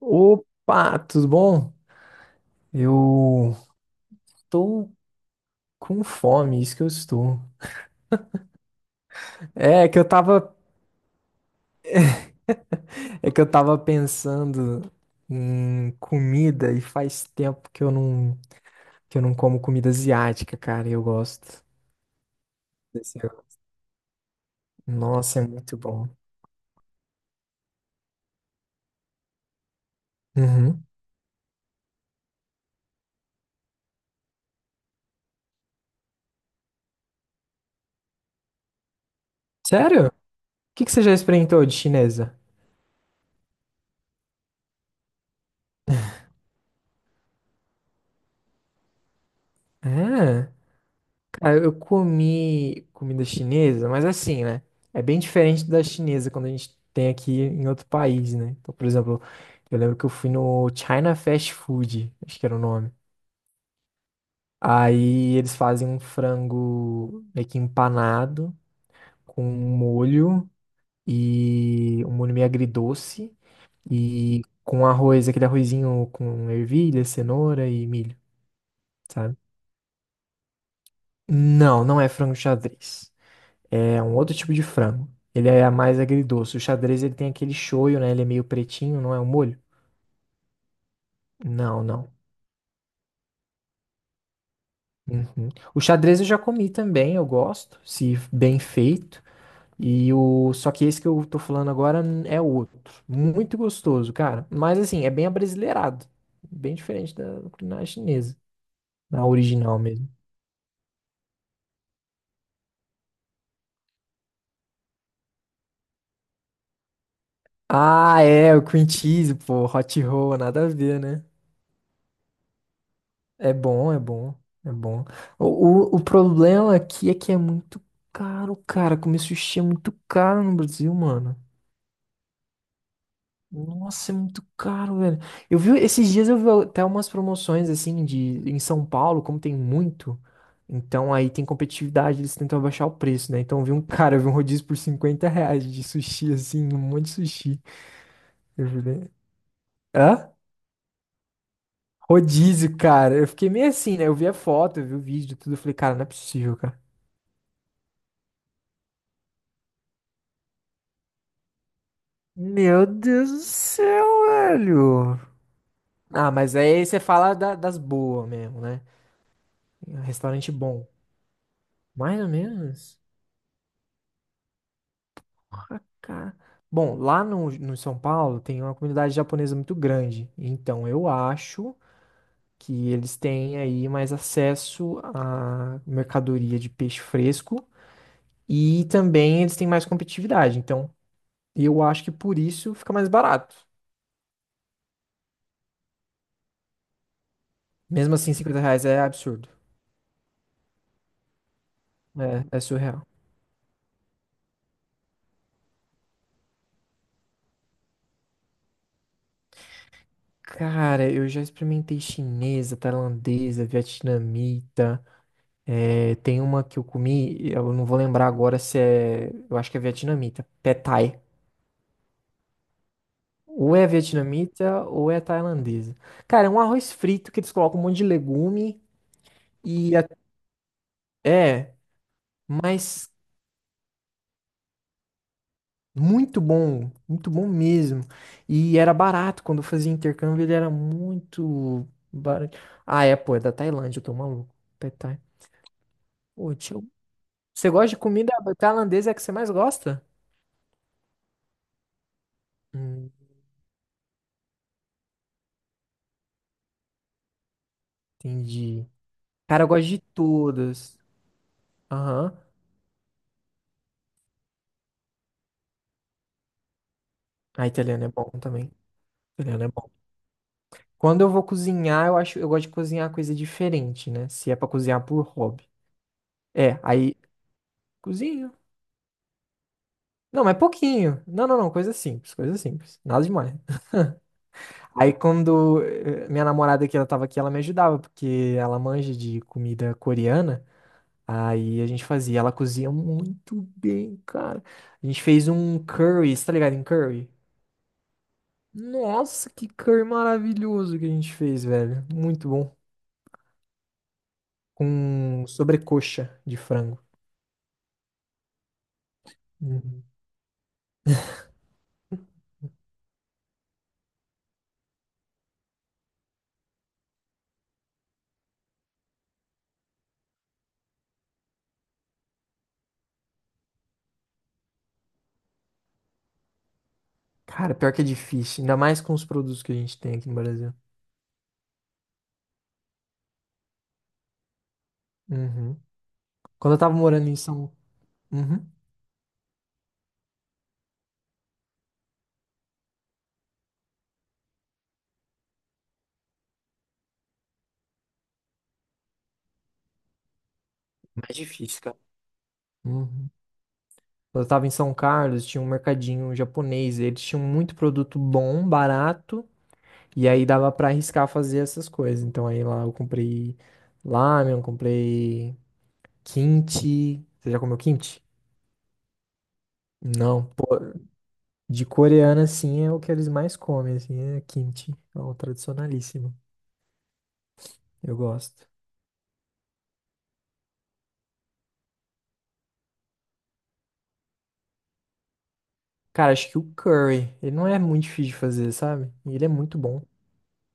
Opa, tudo bom? Eu tô com fome, isso que eu estou. É que eu tava, é que eu tava pensando em comida e faz tempo que eu não como comida asiática, cara, e eu gosto. Desse- Nossa, é muito bom. Uhum. Sério? O que você já experimentou de chinesa? É. Cara, eu comi comida chinesa, mas assim, né? É bem diferente da chinesa quando a gente tem aqui em outro país, né? Então, por exemplo, eu lembro que eu fui no China Fast Food, acho que era o nome. Aí eles fazem um frango meio que empanado com um molho e um molho meio agridoce e com arroz, aquele arrozinho com ervilha, cenoura e milho, sabe? Não, não é frango xadrez. É um outro tipo de frango. Ele é mais agridoce. O xadrez ele tem aquele shoyu, né? Ele é meio pretinho, não é um molho? Não, não. Uhum. O xadrez eu já comi também, eu gosto, se bem feito. E o só que esse que eu tô falando agora é outro, muito gostoso, cara. Mas assim, é bem abrasileirado, bem diferente da culinária chinesa, na original mesmo. Ah, é, o cream cheese, pô, hot roll, nada a ver, né? É bom, é bom, é bom. O problema aqui é que é muito caro, cara. Comer sushi é muito caro no Brasil, mano. Nossa, é muito caro, velho. Eu vi, esses dias eu vi até umas promoções, assim, de, em São Paulo, como tem muito. Então aí tem competitividade, eles tentam abaixar o preço, né? Então eu vi um cara, eu vi um rodízio por R$ 50 de sushi, assim, um monte de sushi. Eu falei, hã? Rodízio, cara. Eu fiquei meio assim, né? Eu vi a foto, eu vi o vídeo, tudo. Eu falei, cara, não é possível, cara. Meu Deus do céu, velho. Ah, mas aí você fala das boas mesmo, né? Restaurante bom. Mais ou menos. Ah, cara. Bom, lá no São Paulo tem uma comunidade japonesa muito grande. Então eu acho que eles têm aí mais acesso à mercadoria de peixe fresco e também eles têm mais competitividade. Então eu acho que por isso fica mais barato. Mesmo assim, R$ 50 é absurdo. É, é surreal. Cara, eu já experimentei chinesa, tailandesa, vietnamita. É, tem uma que eu comi, eu não vou lembrar agora se é. Eu acho que é vietnamita. Pad Thai. Ou é vietnamita ou é tailandesa. Cara, é um arroz frito que eles colocam um monte de legume e. a- É, mas muito bom. Muito bom mesmo. E era barato. Quando eu fazia intercâmbio, ele era muito barato. Ah, é, pô, é da Tailândia, eu tô maluco. Pad Thai. Pô, tinha Você gosta de comida tailandesa é a que você mais gosta? Hum, entendi. Cara, eu gosto de todas. Aham. A italiana é bom também. Italiana é bom. Quando eu vou cozinhar, eu acho, eu gosto de cozinhar coisa diferente, né? Se é pra cozinhar por hobby. É, aí cozinho. Não, mas pouquinho. Não, não, não, coisa simples, coisa simples. Nada demais. Aí quando minha namorada que ela tava aqui, ela me ajudava, porque ela manja de comida coreana. Aí a gente fazia. Ela cozinha muito bem, cara. A gente fez um curry, você tá ligado em curry? Nossa, que curry maravilhoso que a gente fez, velho. Muito bom. Com sobrecoxa de frango. Uhum. Cara, pior que é difícil. Ainda mais com os produtos que a gente tem aqui no Brasil. Uhum. Quando eu tava morando em São... Uhum. Mais difícil, cara. Uhum. Quando eu tava em São Carlos, tinha um mercadinho japonês. Eles tinham muito produto bom, barato. E aí dava pra arriscar fazer essas coisas. Então aí lá eu comprei ramen, comprei kimchi. Você já comeu kimchi? Não. Pô, de coreana, assim, é o que eles mais comem, assim, é kimchi. É o tradicionalíssimo. Eu gosto. Cara, acho que o curry, ele não é muito difícil de fazer, sabe? E ele é muito bom.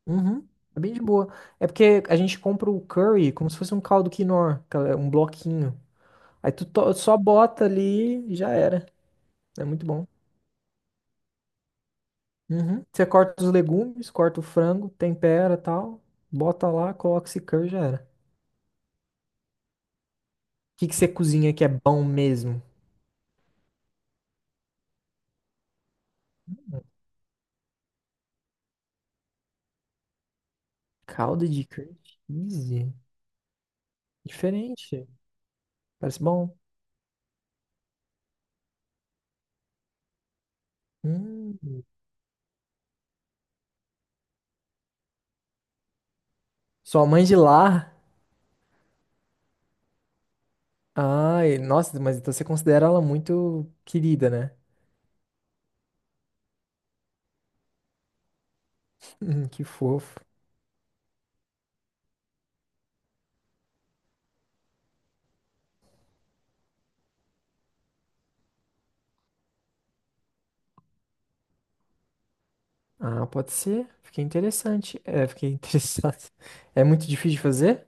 Uhum. É bem de boa. É porque a gente compra o curry como se fosse um caldo quinoa, aquela- um bloquinho. Aí só bota ali e já era. É muito bom. Uhum. Você corta os legumes, corta o frango, tempera tal, bota lá, coloca esse curry já era. O que você cozinha que é bom mesmo? Calda de curry cheese? Diferente. Parece bom. Hum. Sua mãe de lá? Ai, nossa, mas então você considera ela muito querida, né? Que fofo. Ah, pode ser. Fiquei interessante. É, fiquei interessado. É muito difícil de fazer?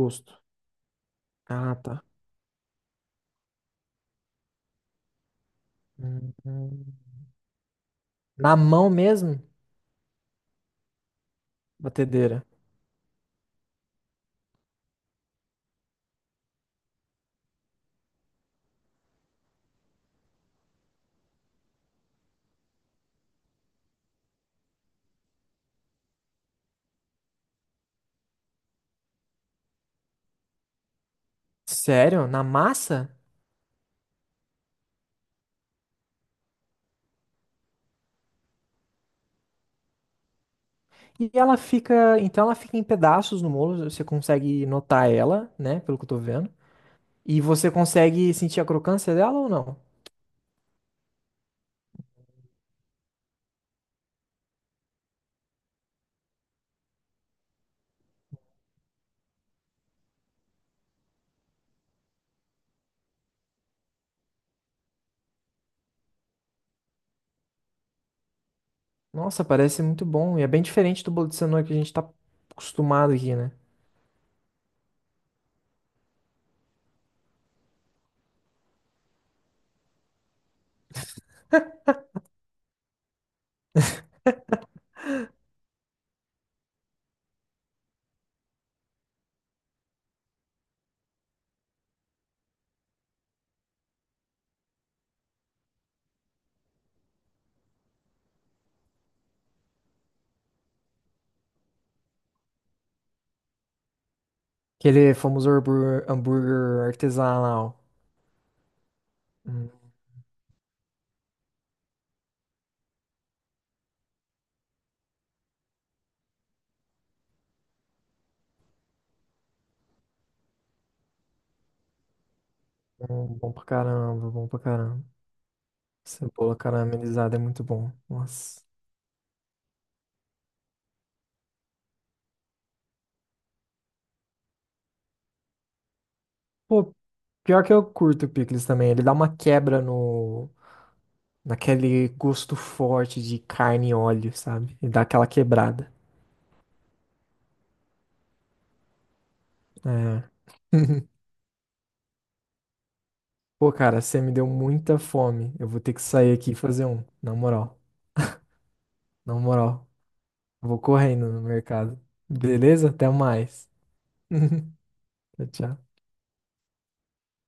Gosto. Ah, tá. Hum, hum. Na mão mesmo? Batedeira. Sério? Na massa? E ela fica, então ela fica em pedaços no bolo, você consegue notar ela, né, pelo que eu tô vendo. E você consegue sentir a crocância dela ou não? Nossa, parece muito bom e é bem diferente do bolo de cenoura que a gente tá acostumado aqui, né? Aquele famoso hambúrguer, hambúrguer artesanal. Hum, bom, bom pra caramba, bom pra caramba. Cebola caramelizada é muito bom. Nossa. Pô, pior que eu curto o picles também, ele dá uma quebra no Naquele gosto forte de carne e óleo, sabe? E dá aquela quebrada. É. Pô, cara, você me deu muita fome. Eu vou ter que sair aqui e fazer um. Na moral, na moral. Vou correndo no mercado. Beleza? Até mais. Tchau, tchau.